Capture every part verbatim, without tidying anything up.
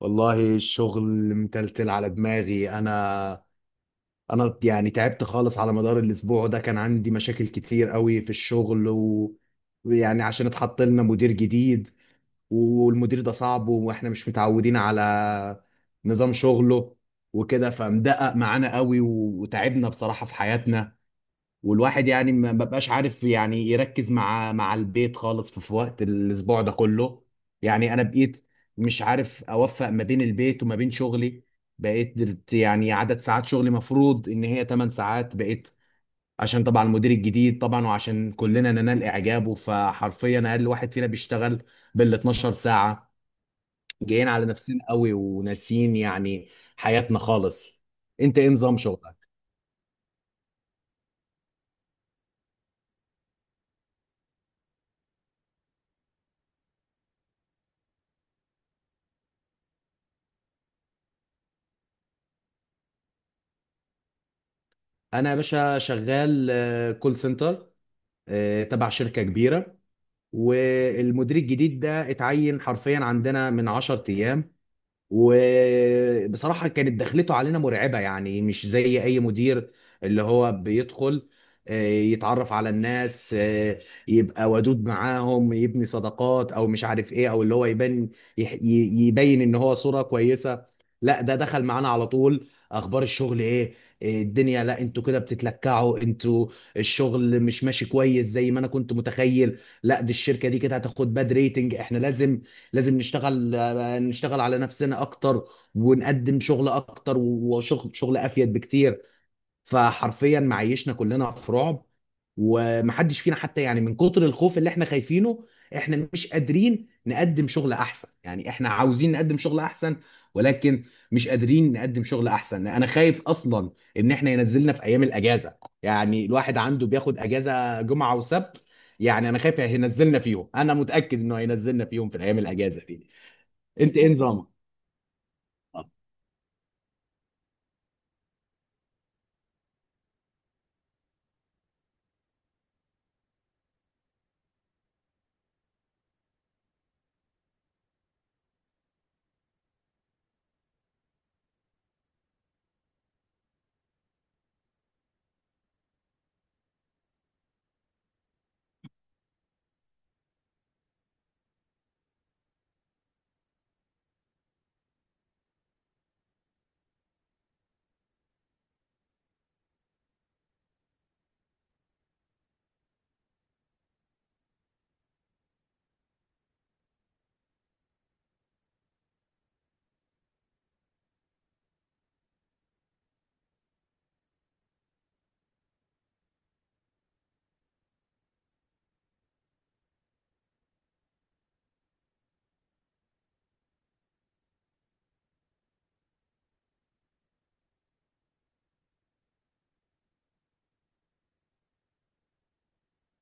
والله الشغل متلتل على دماغي انا. انا يعني تعبت خالص على مدار الاسبوع ده، كان عندي مشاكل كتير قوي في الشغل و... ويعني عشان اتحط لنا مدير جديد. والمدير ده صعب واحنا مش متعودين على نظام شغله وكده، فمدقق معانا قوي وتعبنا بصراحة في حياتنا. والواحد يعني ما ببقاش عارف يعني يركز مع مع البيت خالص في, في وقت الاسبوع ده كله. يعني انا بقيت مش عارف اوفق ما بين البيت وما بين شغلي. بقيت درت- يعني عدد ساعات شغلي مفروض ان هي ثماني ساعات، بقيت عشان طبعا المدير الجديد طبعا وعشان كلنا ننال اعجابه، فحرفيا اقل واحد فينا بيشتغل بال اثنا عشر ساعة. جايين على نفسنا قوي وناسيين يعني حياتنا خالص. انت ايه نظام شغلك؟ انا يا باشا شغال كول سنتر، آه، تبع شركة كبيرة. والمدير الجديد ده اتعين حرفيا عندنا من عشر ايام. وبصراحة كانت دخلته علينا مرعبة، يعني مش زي أي مدير اللي هو بيدخل آه، يتعرف على الناس، آه، يبقى ودود معاهم، يبني صداقات أو مش عارف إيه، أو اللي هو يبان يح- ي- يبين إن هو صورة كويسة. لا، ده دخل معانا على طول: أخبار الشغل إيه؟ آه، الدنيا؟ لا، انتوا كده بتتلكعوا انتوا، الشغل مش ماشي كويس زي ما انا كنت متخيل. لا، دي الشركه دي كده هتاخد باد ريتنج، احنا لازم لازم نشتغل نشتغل على نفسنا اكتر، ونقدم شغل اكتر وشغل شغل افيد بكتير. فحرفيا معيشنا كلنا في رعب، ومحدش فينا حتى يعني من كتر الخوف اللي احنا خايفينه، احنا مش قادرين نقدم شغل احسن. يعني احنا عاوزين نقدم شغل احسن، ولكن مش قادرين نقدم شغل احسن. انا خايف اصلا ان احنا ينزلنا في ايام الاجازه. يعني الواحد عنده بياخد اجازه جمعه وسبت، يعني انا خايف هينزلنا فيهم، انا متاكد انه هينزلنا فيهم في الايام الاجازه دي. انت ايه نظامك؟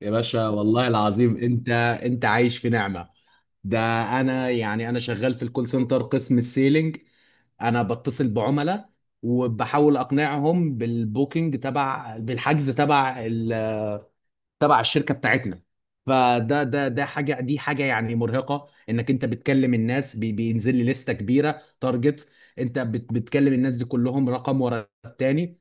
يا باشا والله العظيم انت، انت عايش في نعمة. ده انا يعني انا شغال في الكول سنتر قسم السيلينج، انا بتصل بعملاء وبحاول اقنعهم بالبوكينج تبع، بالحجز تبع تبع الشركه بتاعتنا. فده ده ده حاجه، دي حاجه يعني مرهقه، انك انت بتكلم الناس، بي- بينزل لي لسته كبيره تارجت. انت بت- بتكلم الناس دي كلهم رقم ورا التاني،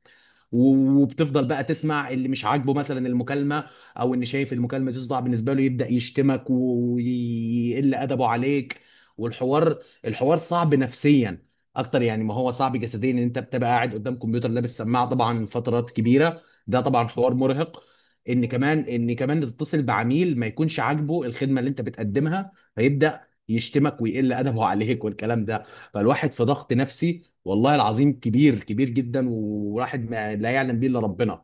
و- وبتفضل بقى تسمع اللي مش عاجبه مثلا المكالمه، او ان شايف المكالمه تصدع بالنسبه له يبدا يشتمك ويقل ادبه عليك. والحوار الحوار صعب نفسيا اكتر يعني ما هو صعب جسديا، ان انت بتبقى قاعد قدام كمبيوتر لابس سماعه طبعا فترات كبيره، ده طبعا حوار مرهق. ان كمان ان كمان تتصل بعميل ما يكونش عاجبه الخدمه اللي انت بتقدمها، فيبدا يشتمك ويقل ادبه عليك والكلام ده. فالواحد في ضغط نفسي والله العظيم كبير كبير جدا، وواحد ما لا يعلم به الا ربنا.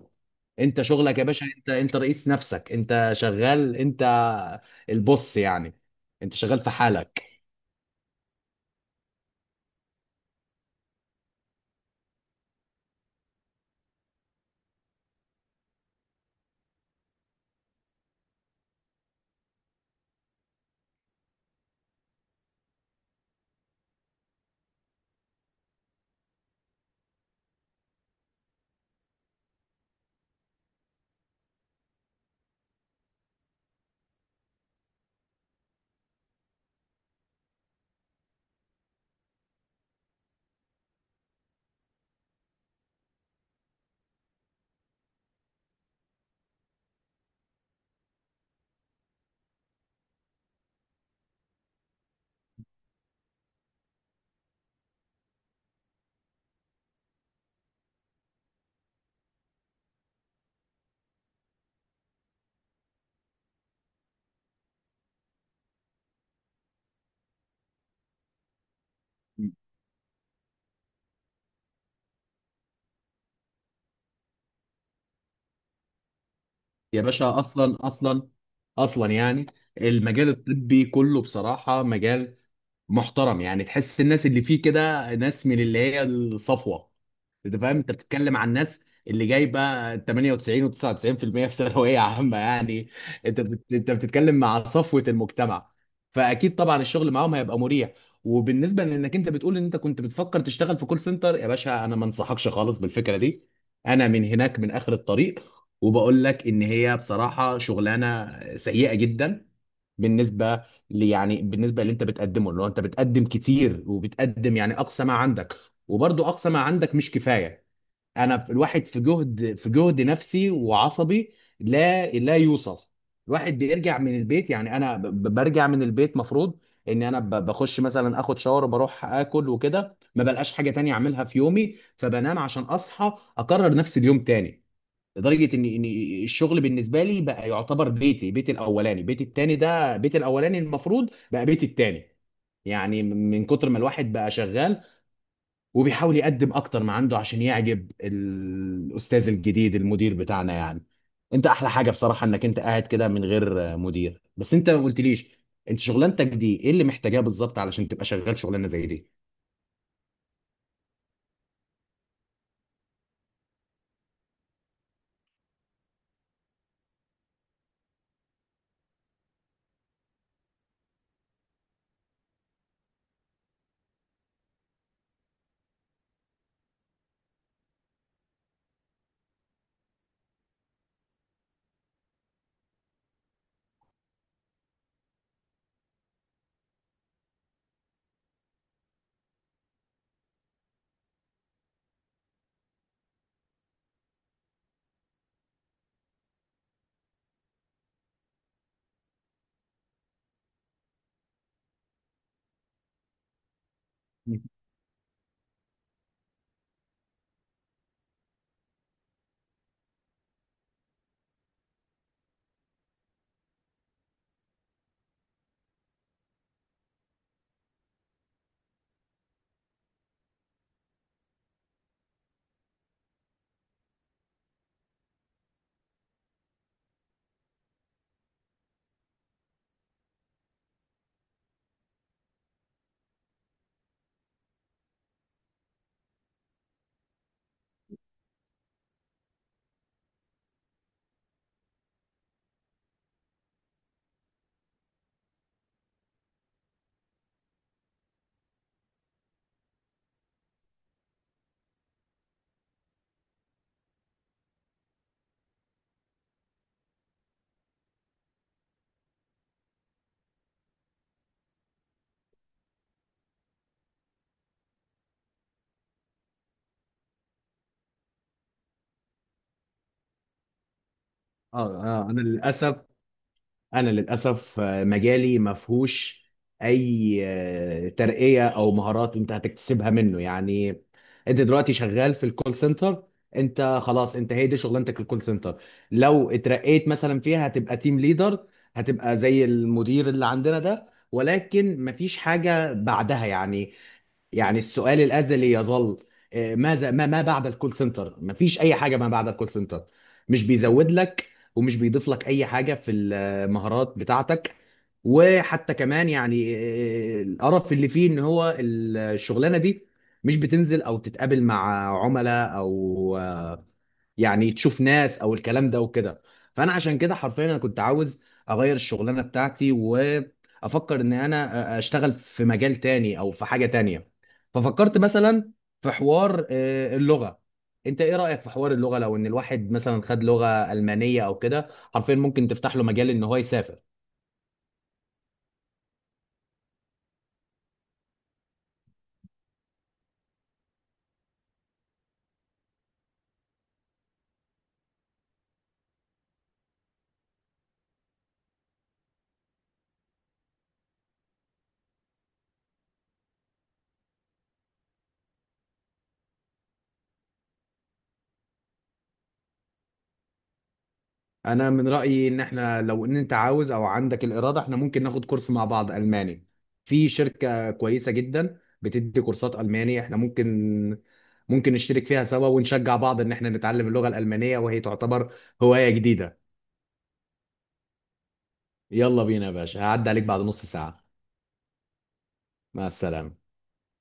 انت شغلك يا باشا، انت انت رئيس نفسك، انت شغال، انت البص يعني، انت شغال في حالك. يا باشا، اصلا اصلا اصلا يعني المجال الطبي كله بصراحه مجال محترم، يعني تحس الناس اللي فيه كده ناس من اللي هي الصفوه. انت فاهم، انت بتتكلم عن ناس اللي جايبه تمانية وتسعين و99% في ثانويه عامه يعني. انت بت... انت بتتكلم مع صفوه المجتمع، فاكيد طبعا الشغل معاهم هيبقى مريح. وبالنسبه لانك انت بتقول ان انت كنت بتفكر تشتغل في كول سنتر، يا باشا انا ما انصحكش خالص بالفكره دي. انا من هناك من اخر الطريق، وبقول لك ان هي بصراحه شغلانه سيئه جدا بالنسبه لي. يعني بالنسبه اللي انت بتقدمه، اللي هو انت بتقدم كتير وبتقدم يعني اقصى ما عندك، وبرضه اقصى ما عندك مش كفايه. انا في- الواحد في جهد في جهد نفسي وعصبي لا لا يوصف. الواحد بيرجع من البيت، يعني انا ب- ب- برجع من البيت، مفروض ان انا ب- بخش مثلا اخد شاور وبروح اكل وكده، ما بلقاش حاجه تانية اعملها في يومي، فبنام عشان اصحى اكرر نفس اليوم تاني. لدرجه ان ان الشغل بالنسبه لي بقى يعتبر بيتي، بيتي الاولاني. بيتي التاني ده بيتي الاولاني، المفروض بقى بيتي التاني. يعني من كتر ما الواحد بقى شغال وبيحاول يقدم اكتر ما عنده عشان يعجب الاستاذ الجديد المدير بتاعنا يعني. انت احلى حاجه بصراحه انك انت قاعد كده من غير مدير، بس انت ما قلتليش: انت شغلانتك دي ايه اللي محتاجاه بالظبط علشان تبقى شغال شغلانه زي دي؟ اه. آه، انا للاسف، انا للاسف آه، مجالي ما فيهوش اي آه، ترقيه او مهارات انت هتكتسبها منه يعني. انت دلوقتي شغال في الكول سنتر، انت خلاص، انت هي دي شغلانتك، الكول سنتر. لو اترقيت مثلا فيها هتبقى تيم ليدر، هتبقى زي المدير اللي عندنا ده، ولكن مفيش حاجه بعدها يعني. يعني السؤال الأزلي يظل: آه، ماذا؟ ما ما بعد الكول سنتر؟ مفيش أي حاجة ما بعد الكول سنتر. مش بيزود لك، ومش بيضيف لك أي حاجة في المهارات بتاعتك. وحتى كمان يعني آه، القرف اللي فيه إن هو الشغلانة دي مش بتنزل أو تتقابل مع عملاء أو آه، يعني تشوف ناس أو الكلام ده وكده. فأنا عشان كده حرفيا أنا كنت عاوز أغير الشغلانة بتاعتي، وأفكر إن أنا آه، أشتغل في مجال تاني أو في حاجة تانية. ففكرت مثلا في حوار آه، اللغه. انت ايه رايك في حوار اللغه، لو ان الواحد مثلا خد لغه المانيه او كده حرفيا ممكن تفتح له مجال ان هو يسافر؟ انا من رايي ان احنا، لو ان انت عاوز او عندك الاراده، احنا ممكن ناخد كورس مع بعض الماني. في شركه كويسه جدا بتدي كورسات الماني، احنا ممكن ممكن نشترك فيها سوا ونشجع بعض ان احنا نتعلم اللغه الالمانيه، وهي تعتبر هوايه جديده. يلا بينا يا باشا، هعدي عليك بعد نص ساعه. مع السلامه.